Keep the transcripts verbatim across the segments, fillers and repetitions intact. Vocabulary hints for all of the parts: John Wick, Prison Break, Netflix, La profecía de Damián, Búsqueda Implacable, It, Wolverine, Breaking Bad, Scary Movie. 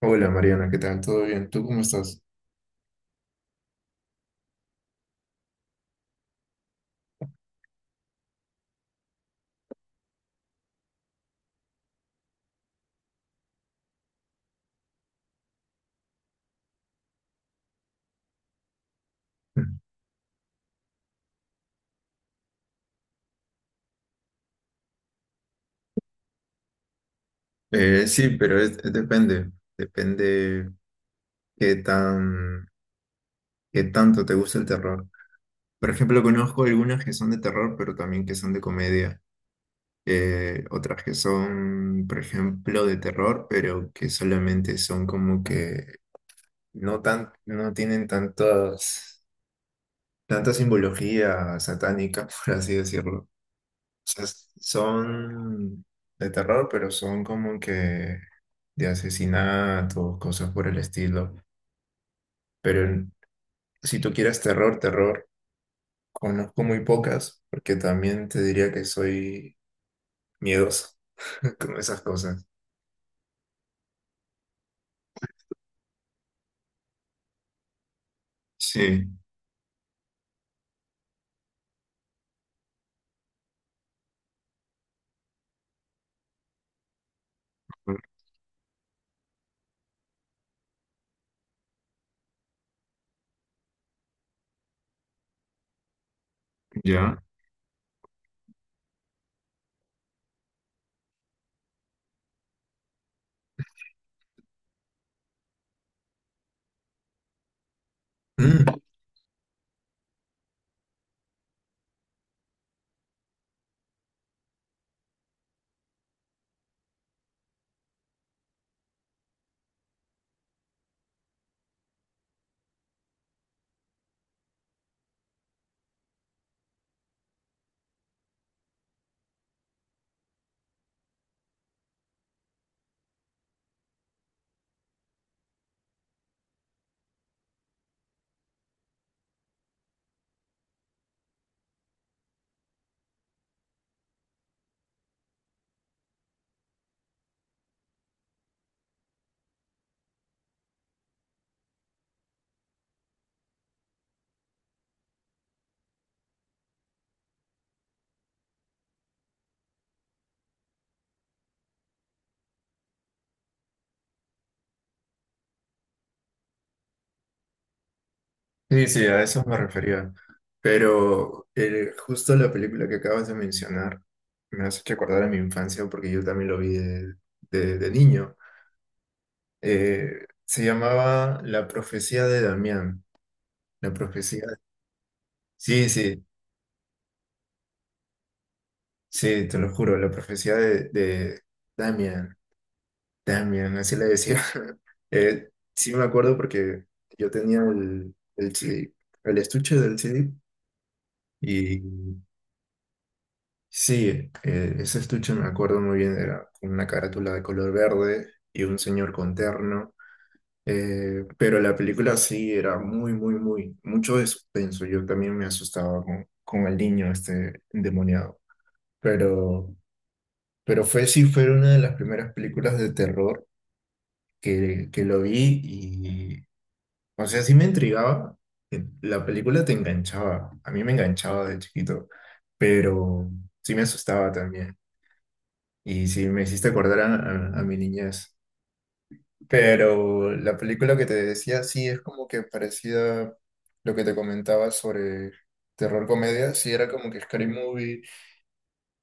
Hola Mariana, ¿qué tal? ¿Todo bien? ¿Tú cómo estás? Eh, sí, pero es- es depende, depende qué tan, qué tanto te gusta el terror. Por ejemplo, conozco algunas que son de terror, pero también que son de comedia. Eh, otras que son, por ejemplo, de terror, pero que solamente son como que no tan, no tienen tantas, tanta simbología satánica, por así decirlo. O sea, son de terror, pero son como que de asesinatos, cosas por el estilo. Pero en- si tú quieres terror, terror, conozco muy pocas, porque también te diría que soy miedoso con esas cosas. Sí, ya. Mm. Sí, sí, a eso me refería. Pero eh, justo la película que acabas de mencionar me hace recordar a mi infancia porque yo también lo vi de, de- de niño. Eh, se llamaba La profecía de Damián. La profecía. Sí, sí. Sí, te lo juro, la profecía de, de Damian, Damian, así le decía. Eh, sí me acuerdo porque yo tenía el, el C D, el estuche del C D. Y sí, eh, ese estuche me acuerdo muy bien, era con una carátula de color verde y un señor con terno, eh, pero la película sí era muy, muy, muy, mucho de suspenso. Yo también me asustaba con, con el niño este endemoniado, pero... Pero fue, sí, fue una de las primeras películas de terror que, que lo vi y, o sea, sí me intrigaba. eh, La película te enganchaba, a mí me enganchaba de chiquito, pero sí me asustaba también. Y sí me hiciste acordar a, a- a mi niñez. Pero la película que te decía, sí, es como que parecida lo que te comentaba sobre terror comedia, sí era como que Scary Movie.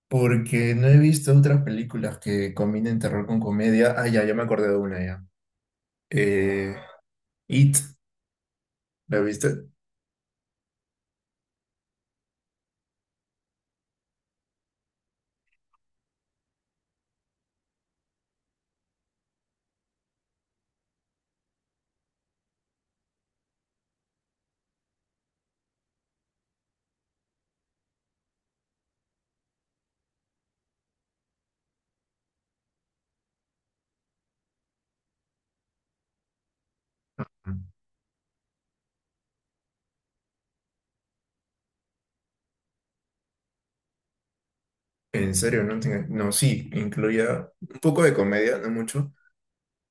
Porque no he visto otras películas que combinen terror con comedia. Ah, ya, ya me acordé de una ya. Eh, It, ¿la viste? En serio, no tenía... No, sí, incluía un poco de comedia, no mucho,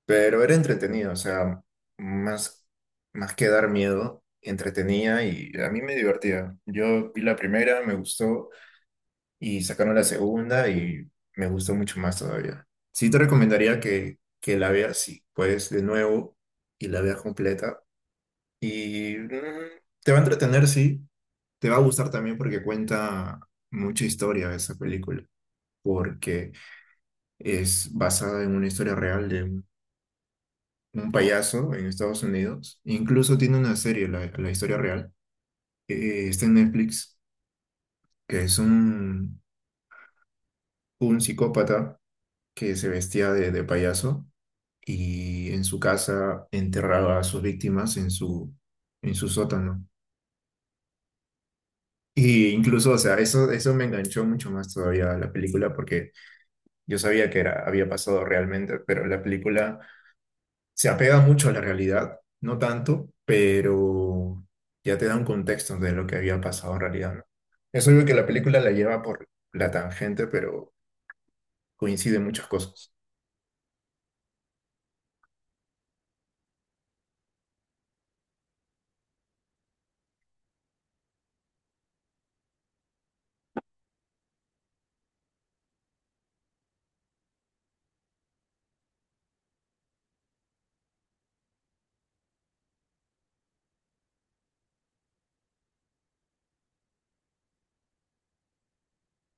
pero era entretenido, o sea, más, más que dar miedo, entretenía y a mí me divertía. Yo vi la primera, me gustó, y sacaron la segunda y me gustó mucho más todavía. Sí te recomendaría que, que la veas, si puedes, de nuevo y la veas completa. Y mm, te va a entretener, sí. Te va a gustar también porque cuenta mucha historia esa película. Porque es basada en una historia real de un un payaso en Estados Unidos. Incluso tiene una serie, la, la historia real. Eh, está en Netflix, que es un, un psicópata que se vestía de, de payaso y en su casa enterraba a sus víctimas en su, en su sótano. Y incluso, o sea, eso, eso me enganchó mucho más todavía a la película porque yo sabía que era, había pasado realmente, pero la película se apega mucho a la realidad, no tanto, pero ya te da un contexto de lo que había pasado en realidad, ¿no? Es obvio que la película la lleva por la tangente, pero coinciden muchas cosas.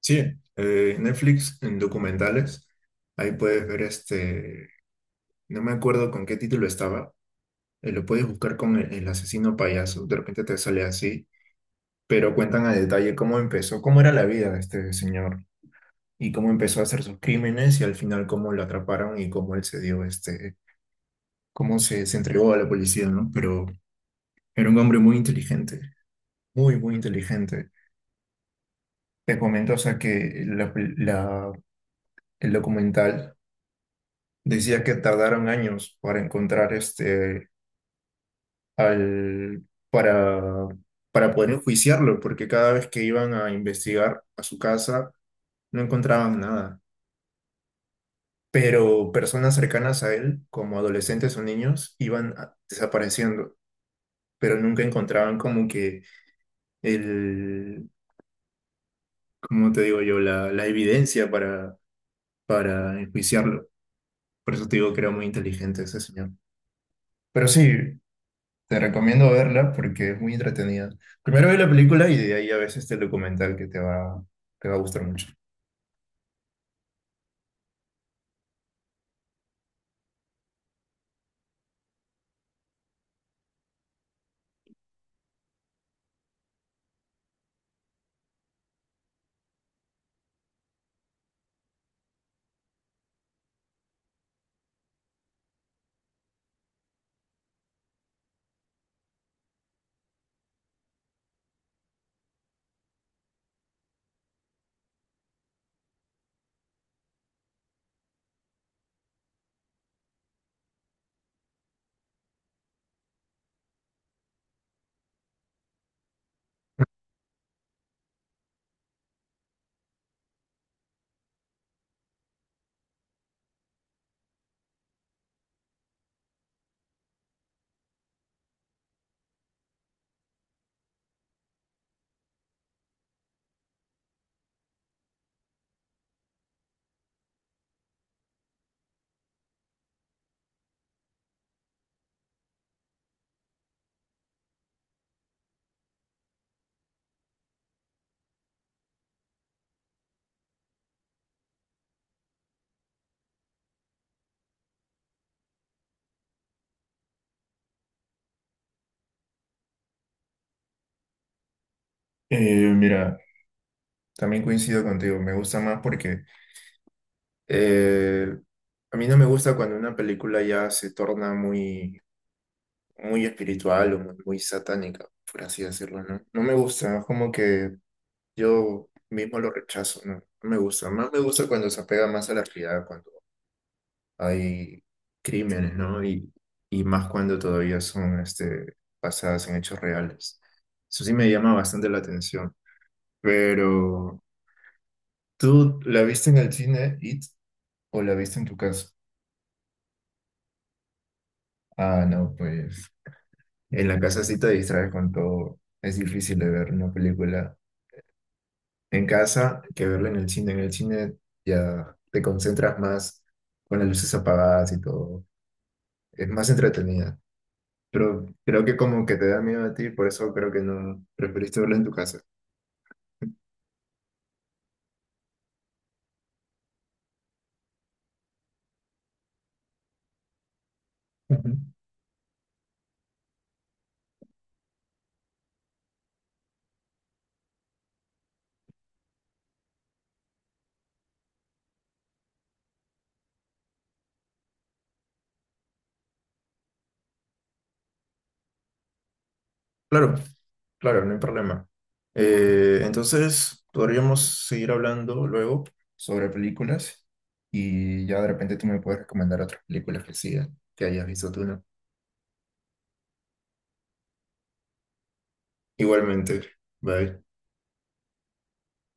Sí, eh, Netflix en documentales, ahí puedes ver este, no me acuerdo con qué título estaba, eh, lo puedes buscar con el, el asesino payaso, de repente te sale así. Pero cuentan a detalle cómo empezó, cómo era la vida de este señor y cómo empezó a hacer sus crímenes y al final cómo lo atraparon y cómo él se dio este, cómo se, se entregó a la policía, ¿no? Pero era un hombre muy inteligente, muy, muy inteligente. Te comento, o sea, que la, la- el documental decía que tardaron años para encontrar este, al, para, para poder enjuiciarlo, porque cada vez que iban a investigar a su casa, no encontraban nada. Pero personas cercanas a él, como adolescentes o niños, iban a- desapareciendo, pero nunca encontraban como que el, como te digo yo, la, la evidencia para, para enjuiciarlo. Por eso te digo que era muy inteligente ese señor. Pero sí, te recomiendo verla porque es muy entretenida. Primero ve la película y de ahí a veces este documental que te va, te va a gustar mucho. Eh, mira, también coincido contigo, me gusta más porque Eh, a mí no me gusta cuando una película ya se torna muy, muy espiritual o muy, muy satánica, por así decirlo, ¿no? No me gusta, es como que yo mismo lo rechazo, ¿no? No me gusta. Más me gusta cuando se apega más a la realidad, cuando hay crímenes, ¿no? Y, y más cuando todavía son este, basadas en hechos reales. Eso sí me llama bastante la atención. Pero, ¿tú la viste en el cine, It, o la viste en tu casa? Ah, no, pues. En la casa sí te distraes con todo. Es difícil de ver una película en casa que verla en el cine. En el cine ya te concentras más con las luces apagadas y todo. Es más entretenida. Pero creo que como que te da miedo a ti, por eso creo que no preferiste verla en tu casa. Ujú. Claro, claro, no hay problema. Eh, entonces, podríamos seguir hablando luego sobre películas y ya de repente tú me puedes recomendar otras películas que sigan, que hayas visto tú, ¿no? Igualmente. Bye.